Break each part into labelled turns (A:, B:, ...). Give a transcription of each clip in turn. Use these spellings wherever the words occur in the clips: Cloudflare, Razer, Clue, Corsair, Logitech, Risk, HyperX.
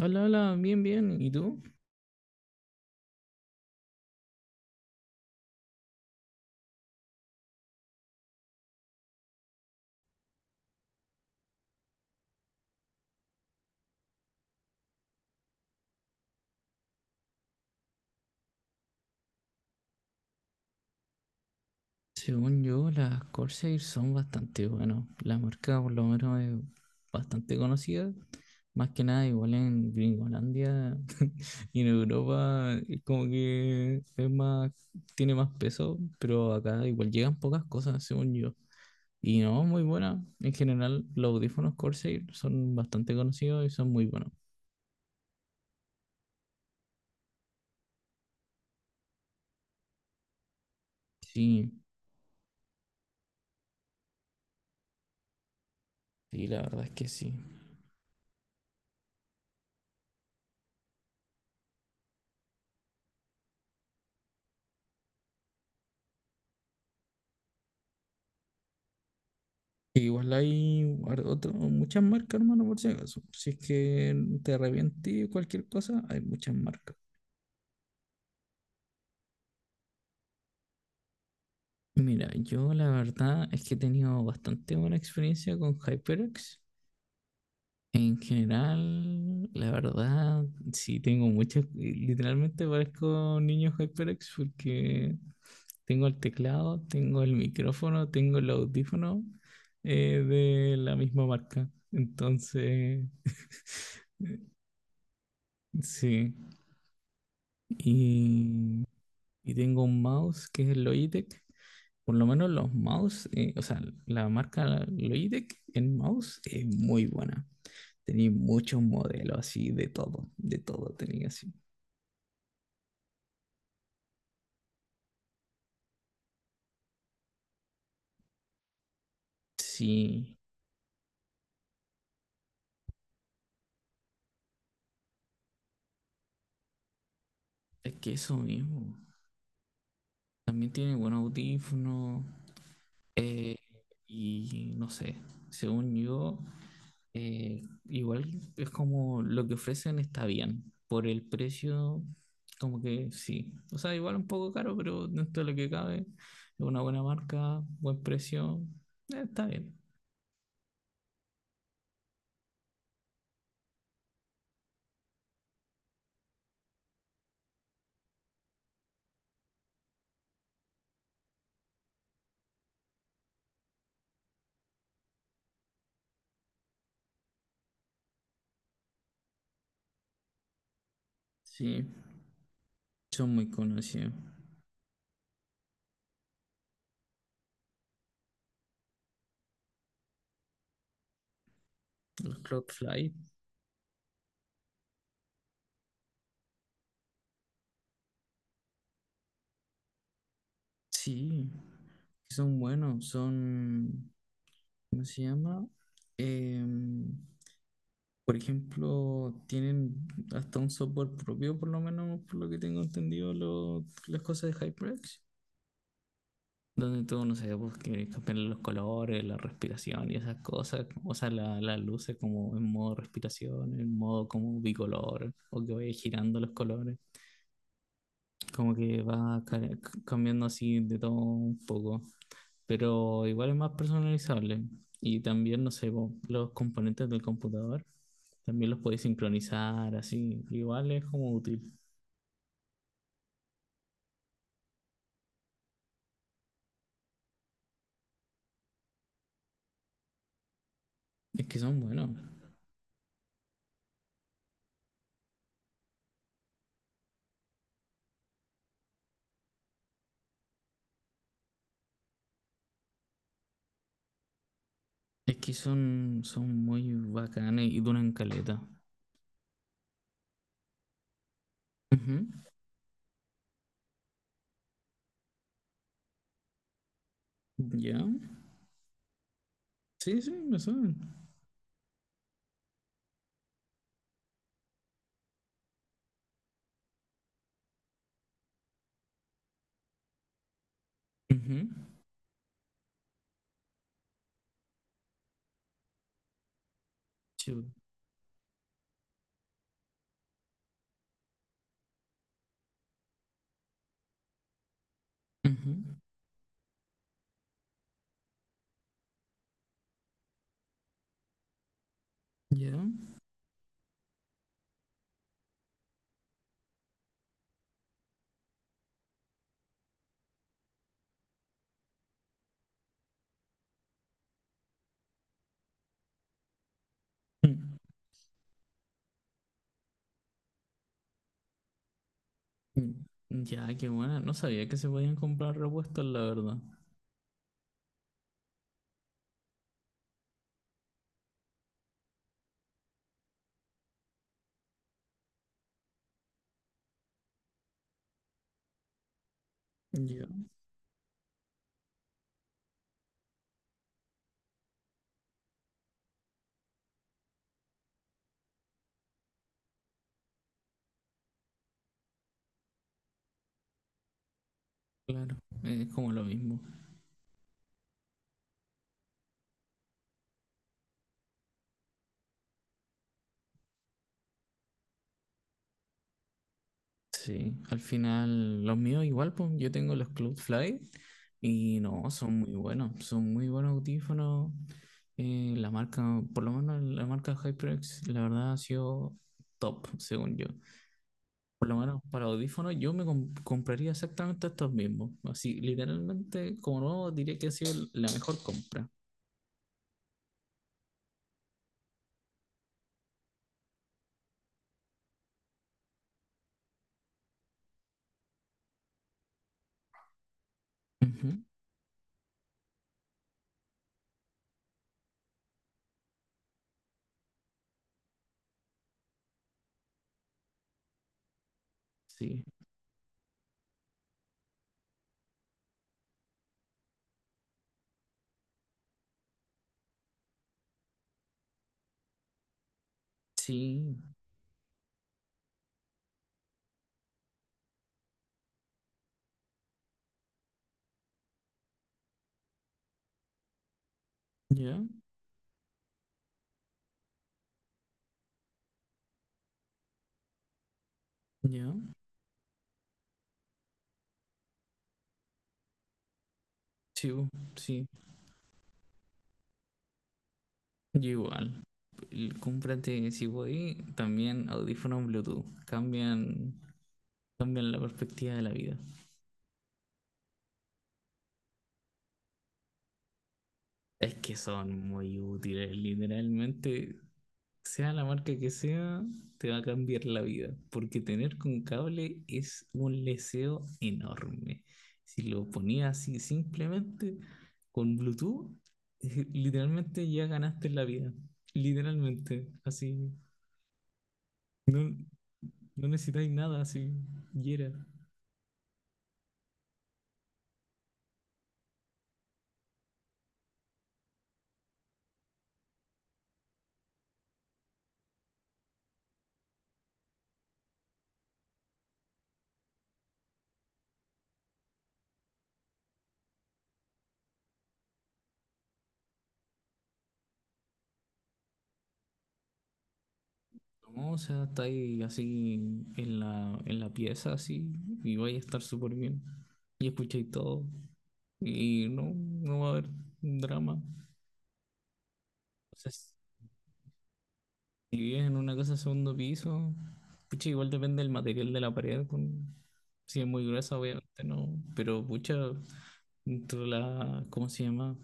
A: Hola, hola, bien, bien. ¿Y tú? Según yo, las Corsair son bastante buenas. La marca por lo menos es bastante conocida. Más que nada, igual en Gringolandia y en Europa, es como que es más, tiene más peso, pero acá igual llegan pocas cosas, según yo. Y no, muy buena. En general, los audífonos Corsair son bastante conocidos y son muy buenos. Sí, sí, la verdad es que sí. Igual hay muchas marcas, hermano, por si acaso. Si es que te arrepentí o cualquier cosa, hay muchas marcas. Mira, yo la verdad es que he tenido bastante buena experiencia con HyperX. En general, la verdad, sí tengo muchas. Literalmente parezco niño HyperX porque tengo el teclado, tengo el micrófono, tengo el audífono, de la misma marca. Entonces, sí. Y y tengo un mouse que es el Logitech. Por lo menos los mouse, o sea, la marca Logitech en mouse es muy buena. Tenía muchos modelos así, de todo tenía así. Sí, es que eso mismo. También tiene buenos audífonos. Eh, y no sé, según yo, igual es como lo que ofrecen está bien. Por el precio, como que sí. O sea, igual un poco caro, pero dentro de lo que cabe, es una buena marca, buen precio, está bien. Sí, son muy conocidos. Los Cloudfly, sí, son buenos, son, ¿cómo se llama? Em, Por ejemplo, tienen hasta un software propio, por lo menos por lo que tengo entendido, las cosas de HyperX, donde tú, no sé, pues, quieres cambiarle los colores, la respiración y esas cosas, o sea, las luces como en modo respiración, en modo como bicolor, o que vaya girando los colores como que cambiando así de todo un poco, pero igual es más personalizable. Y también, no sé, po, los componentes del computador también los podéis sincronizar así, igual es como útil. Es que son buenos, es que son, son muy bacanes y duran caleta. Ujú. ¿Ya? Sí, sí, lo saben. Ujú. Sí, po. Ujú. ¿Ya? Mm. Mm. Ya, qué buena. No sabía que se podían comprar repuestos, la verdad. Ya. Claro, es como lo mismo. Sí, al final los míos igual, pues yo tengo los Cloudflare y no, son muy buenos audífonos. La marca, por lo menos la marca HyperX, la verdad ha sido top, según yo. Por lo menos para audífonos yo compraría exactamente estos mismos. Así, literalmente, como nuevo, diría que ha sido la mejor compra. Ujú, sí, sí, ya, ya, sí, bu, sí. Yo igual. Cómprate, si voy, también audífonos Bluetooth. Cambian, cambian la perspectiva de la vida. Es que son muy útiles, literalmente. Sea la marca que sea, te va a cambiar la vida. Porque tener con cable es un leseo enorme. Si lo ponías así simplemente con Bluetooth, literalmente ya ganaste la vida. Literalmente, así. No, no necesitáis nada, así. Y era. No, o sea, está ahí así en la pieza, así, y vais a estar súper bien. Y escucháis todo, y no, no va a haber drama. Si vives en una casa de segundo piso, pucha, igual depende del material de la pared. Si es muy gruesa, obviamente no. Pero pucha, dentro de la, ¿cómo se llama?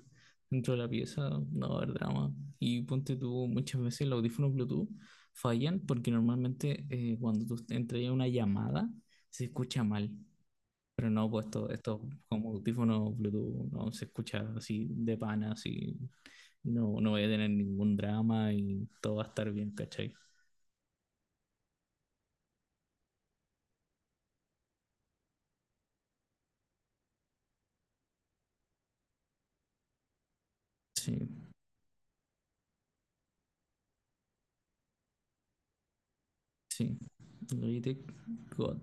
A: Dentro de la pieza, no va a haber drama. Y ponte tú, muchas veces los audífonos Bluetooth fallan porque normalmente cuando tú entras a una llamada se escucha mal. Pero no, pues esto como audífonos Bluetooth no se escucha así de pana, así no, no voy a tener ningún drama y todo va a estar bien, ¿cachai? Sí, sí. Logitech God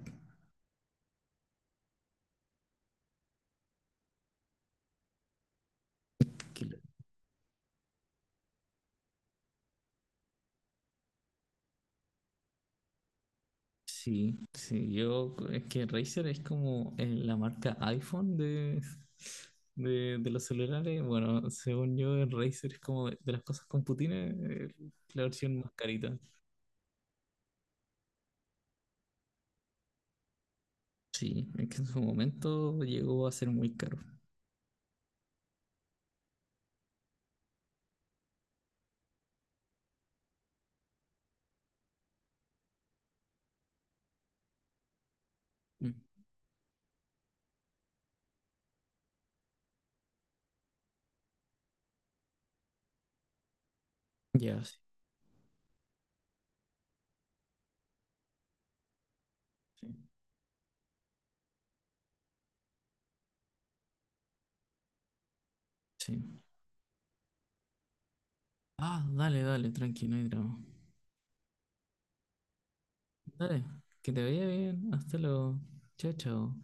A: Killer. Sí, sí. Yo, es que Razer es como la marca iPhone de los celulares. Bueno, según yo, el Razer es como de las cosas con Putines, eh, la versión más carita. Sí, es que en su momento llegó a ser muy caro. Mm, ya, sí, sí, sí. Ah, dale, dale, tranqui, no hay drama. Dale, que te vaya bien. Hasta luego. Chao, chao.